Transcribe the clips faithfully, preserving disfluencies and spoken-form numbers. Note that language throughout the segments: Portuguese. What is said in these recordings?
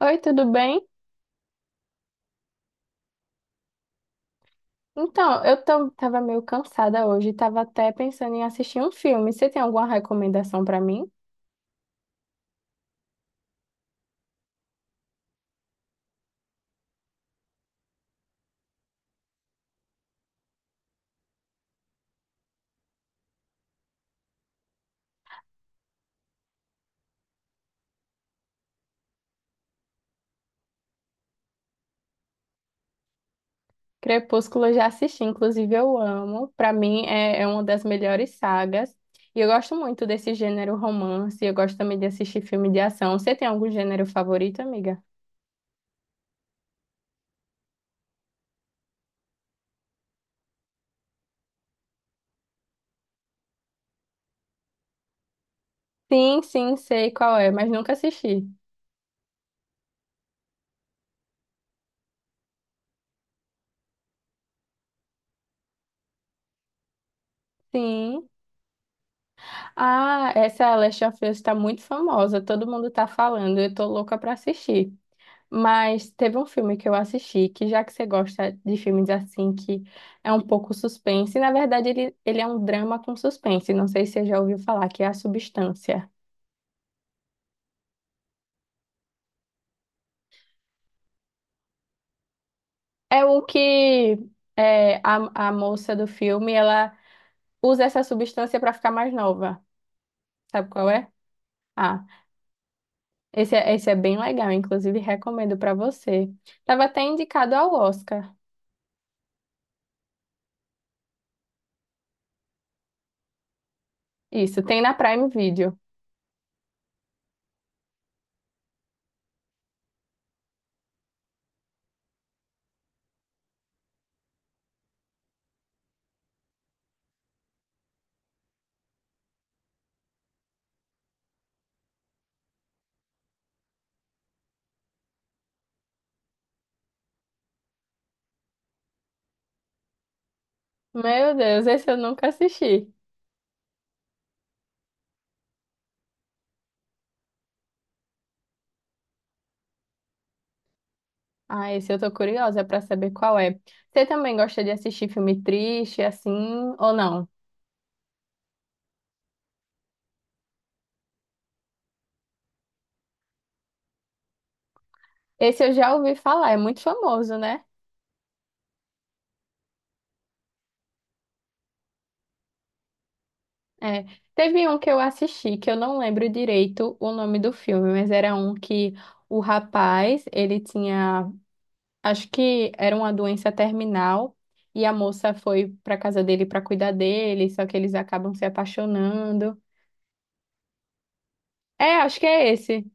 Oi, tudo bem? Então, eu tô, tava meio cansada hoje, tava até pensando em assistir um filme. Você tem alguma recomendação pra mim? Crepúsculo eu já assisti, inclusive eu amo. Pra mim é, é uma das melhores sagas. E eu gosto muito desse gênero romance, eu gosto também de assistir filme de ação. Você tem algum gênero favorito, amiga? Sim, sim, sei qual é, mas nunca assisti. Sim. Ah, essa Last of Us tá muito famosa, todo mundo tá falando, eu tô louca pra assistir. Mas teve um filme que eu assisti, que já que você gosta de filmes assim, que é um pouco suspense, na verdade ele, ele é um drama com suspense, não sei se você já ouviu falar, que é A Substância. É o que é, a, a moça do filme, ela usa essa substância para ficar mais nova. Sabe qual é? Ah, esse é, esse é bem legal, inclusive recomendo para você. Tava até indicado ao Oscar. Isso, tem na Prime Video. Meu Deus, esse eu nunca assisti. Ah, esse eu tô curiosa pra saber qual é. Você também gosta de assistir filme triste, assim, ou não? Esse eu já ouvi falar, é muito famoso, né? É. Teve um que eu assisti, que eu não lembro direito o nome do filme, mas era um que o rapaz, ele tinha, acho que era uma doença terminal, e a moça foi pra casa dele pra cuidar dele, só que eles acabam se apaixonando. É, acho que é esse.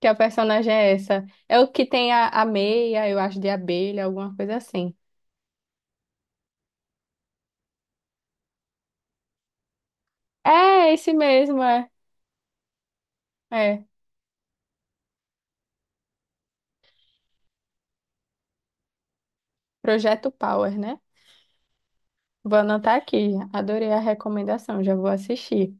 Que a personagem é essa. É o que tem a, a meia, eu acho, de abelha, alguma coisa assim. É, esse mesmo, é. É. Projeto Power, né? Vou anotar aqui. Adorei a recomendação, já vou assistir.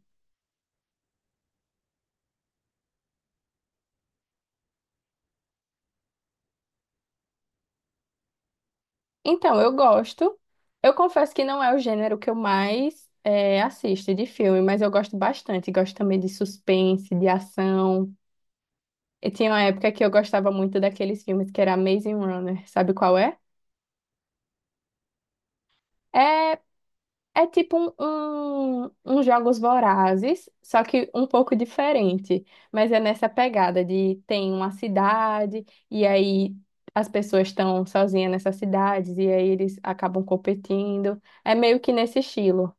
Então, eu gosto. Eu confesso que não é o gênero que eu mais é, assisto de filme, mas eu gosto bastante. Gosto também de suspense, de ação. E tinha uma época que eu gostava muito daqueles filmes que era Amazing Runner. Sabe qual é? É. É tipo um, um, um Jogos Vorazes, só que um pouco diferente. Mas é nessa pegada de tem uma cidade, e aí as pessoas estão sozinhas nessas cidades, e aí eles acabam competindo. É meio que nesse estilo.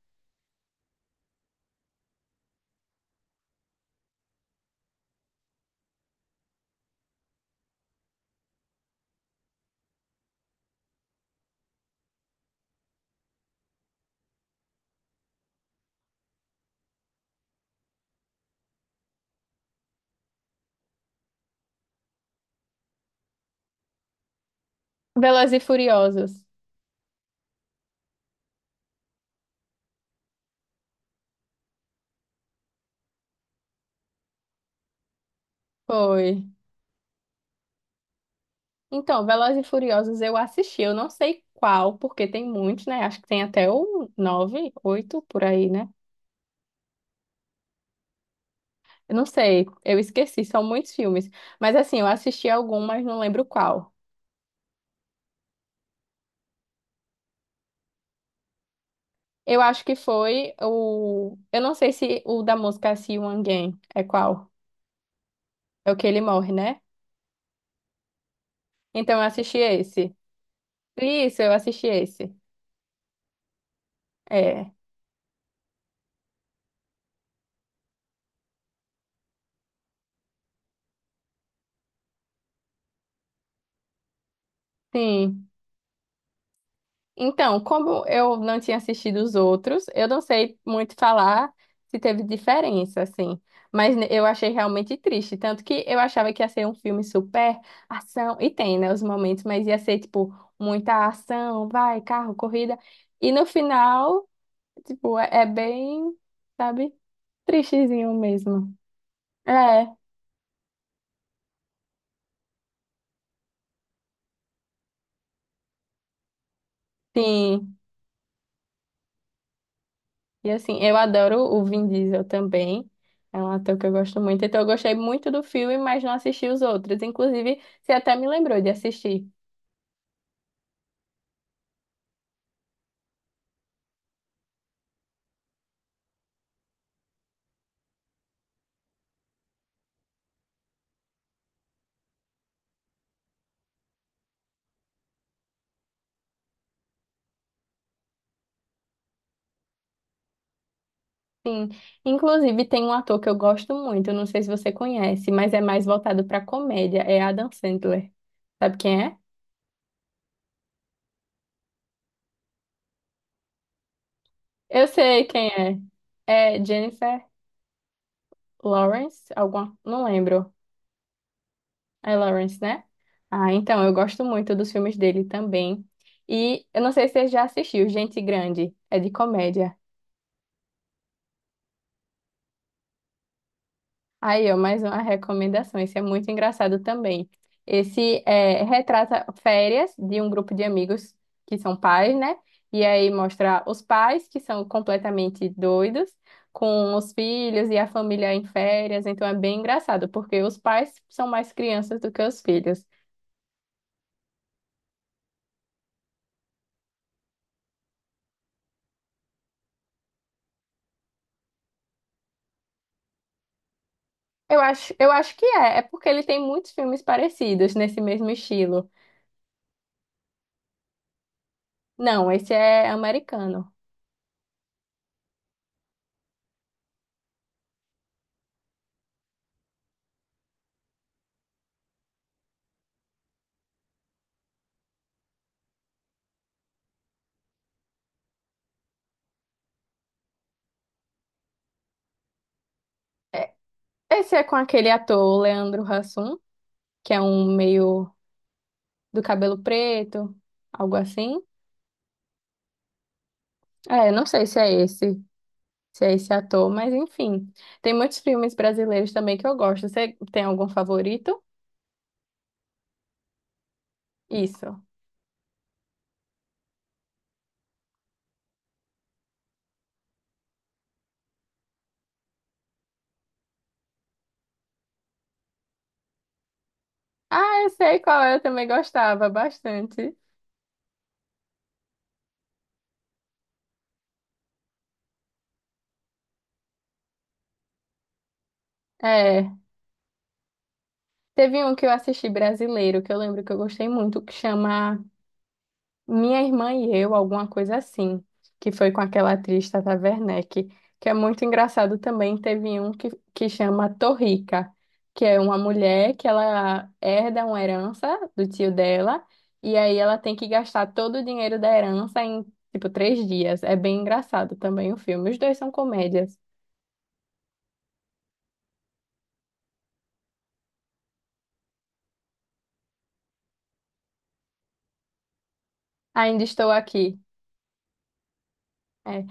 Velozes e Furiosos. Foi. Então, Velozes e Furiosos eu assisti, eu não sei qual, porque tem muitos, né? Acho que tem até o nove, oito por aí, né? Eu não sei, eu esqueci, são muitos filmes. Mas assim, eu assisti algum, mas não lembro qual. Eu acho que foi o. Eu não sei se o da música See You Again é qual. É o que ele morre, né? Então eu assisti esse. Isso, eu assisti esse. É. Sim. Então, como eu não tinha assistido os outros, eu não sei muito falar se teve diferença, assim. Mas ne- eu achei realmente triste. Tanto que eu achava que ia ser um filme super ação. E tem, né, os momentos, mas ia ser, tipo, muita ação, vai, carro, corrida. E no final, tipo, é é bem, sabe, tristezinho mesmo. É, sim. E assim, eu adoro o Vin Diesel também. É um ator que eu gosto muito. Então eu gostei muito do filme, mas não assisti os outros. Inclusive, você até me lembrou de assistir. Sim. Inclusive, tem um ator que eu gosto muito, eu não sei se você conhece, mas é mais voltado para comédia, é Adam Sandler. Sabe quem é? Eu sei quem é. É Jennifer Lawrence, alguma, não lembro. É Lawrence, né? Ah, então eu gosto muito dos filmes dele também. E eu não sei se você já assistiu Gente Grande, é de comédia. Aí, ó, mais uma recomendação. Esse é muito engraçado também. Esse é, retrata férias de um grupo de amigos que são pais, né? E aí mostra os pais que são completamente doidos com os filhos e a família em férias. Então é bem engraçado, porque os pais são mais crianças do que os filhos. Eu acho, eu acho que é. É porque ele tem muitos filmes parecidos nesse mesmo estilo. Não, esse é americano. É- Esse é com aquele ator, o Leandro Hassum, que é um meio do cabelo preto, algo assim. É, não sei se é esse, se é esse ator, mas enfim. Tem muitos filmes brasileiros também que eu gosto. Você tem algum favorito? Isso. Ah, eu sei qual é, eu também gostava bastante. É, teve um que eu assisti brasileiro, que eu lembro que eu gostei muito, que chama Minha Irmã e Eu, alguma coisa assim, que foi com aquela atriz Tata Werneck, que é muito engraçado também. Teve um que, que chama Torrica, que é uma mulher que ela herda uma herança do tio dela, e aí ela tem que gastar todo o dinheiro da herança em, tipo, três dias. É bem engraçado também o filme. Os dois são comédias. Ainda estou aqui. É.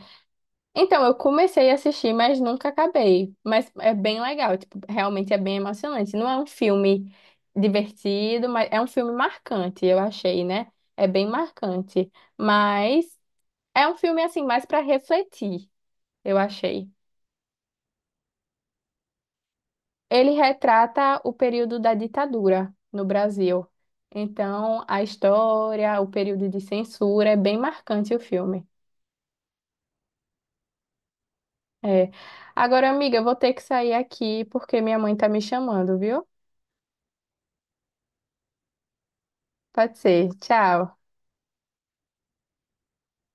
Então, eu comecei a assistir, mas nunca acabei. Mas é bem legal, tipo, realmente é bem emocionante. Não é um filme divertido, mas é um filme marcante, eu achei, né? É bem marcante, mas é um filme assim mais para refletir, eu achei. Ele retrata o período da ditadura no Brasil. Então, a história, o período de censura, é bem marcante o filme. É. Agora, amiga, eu vou ter que sair aqui porque minha mãe tá me chamando, viu? Pode ser. Tchau.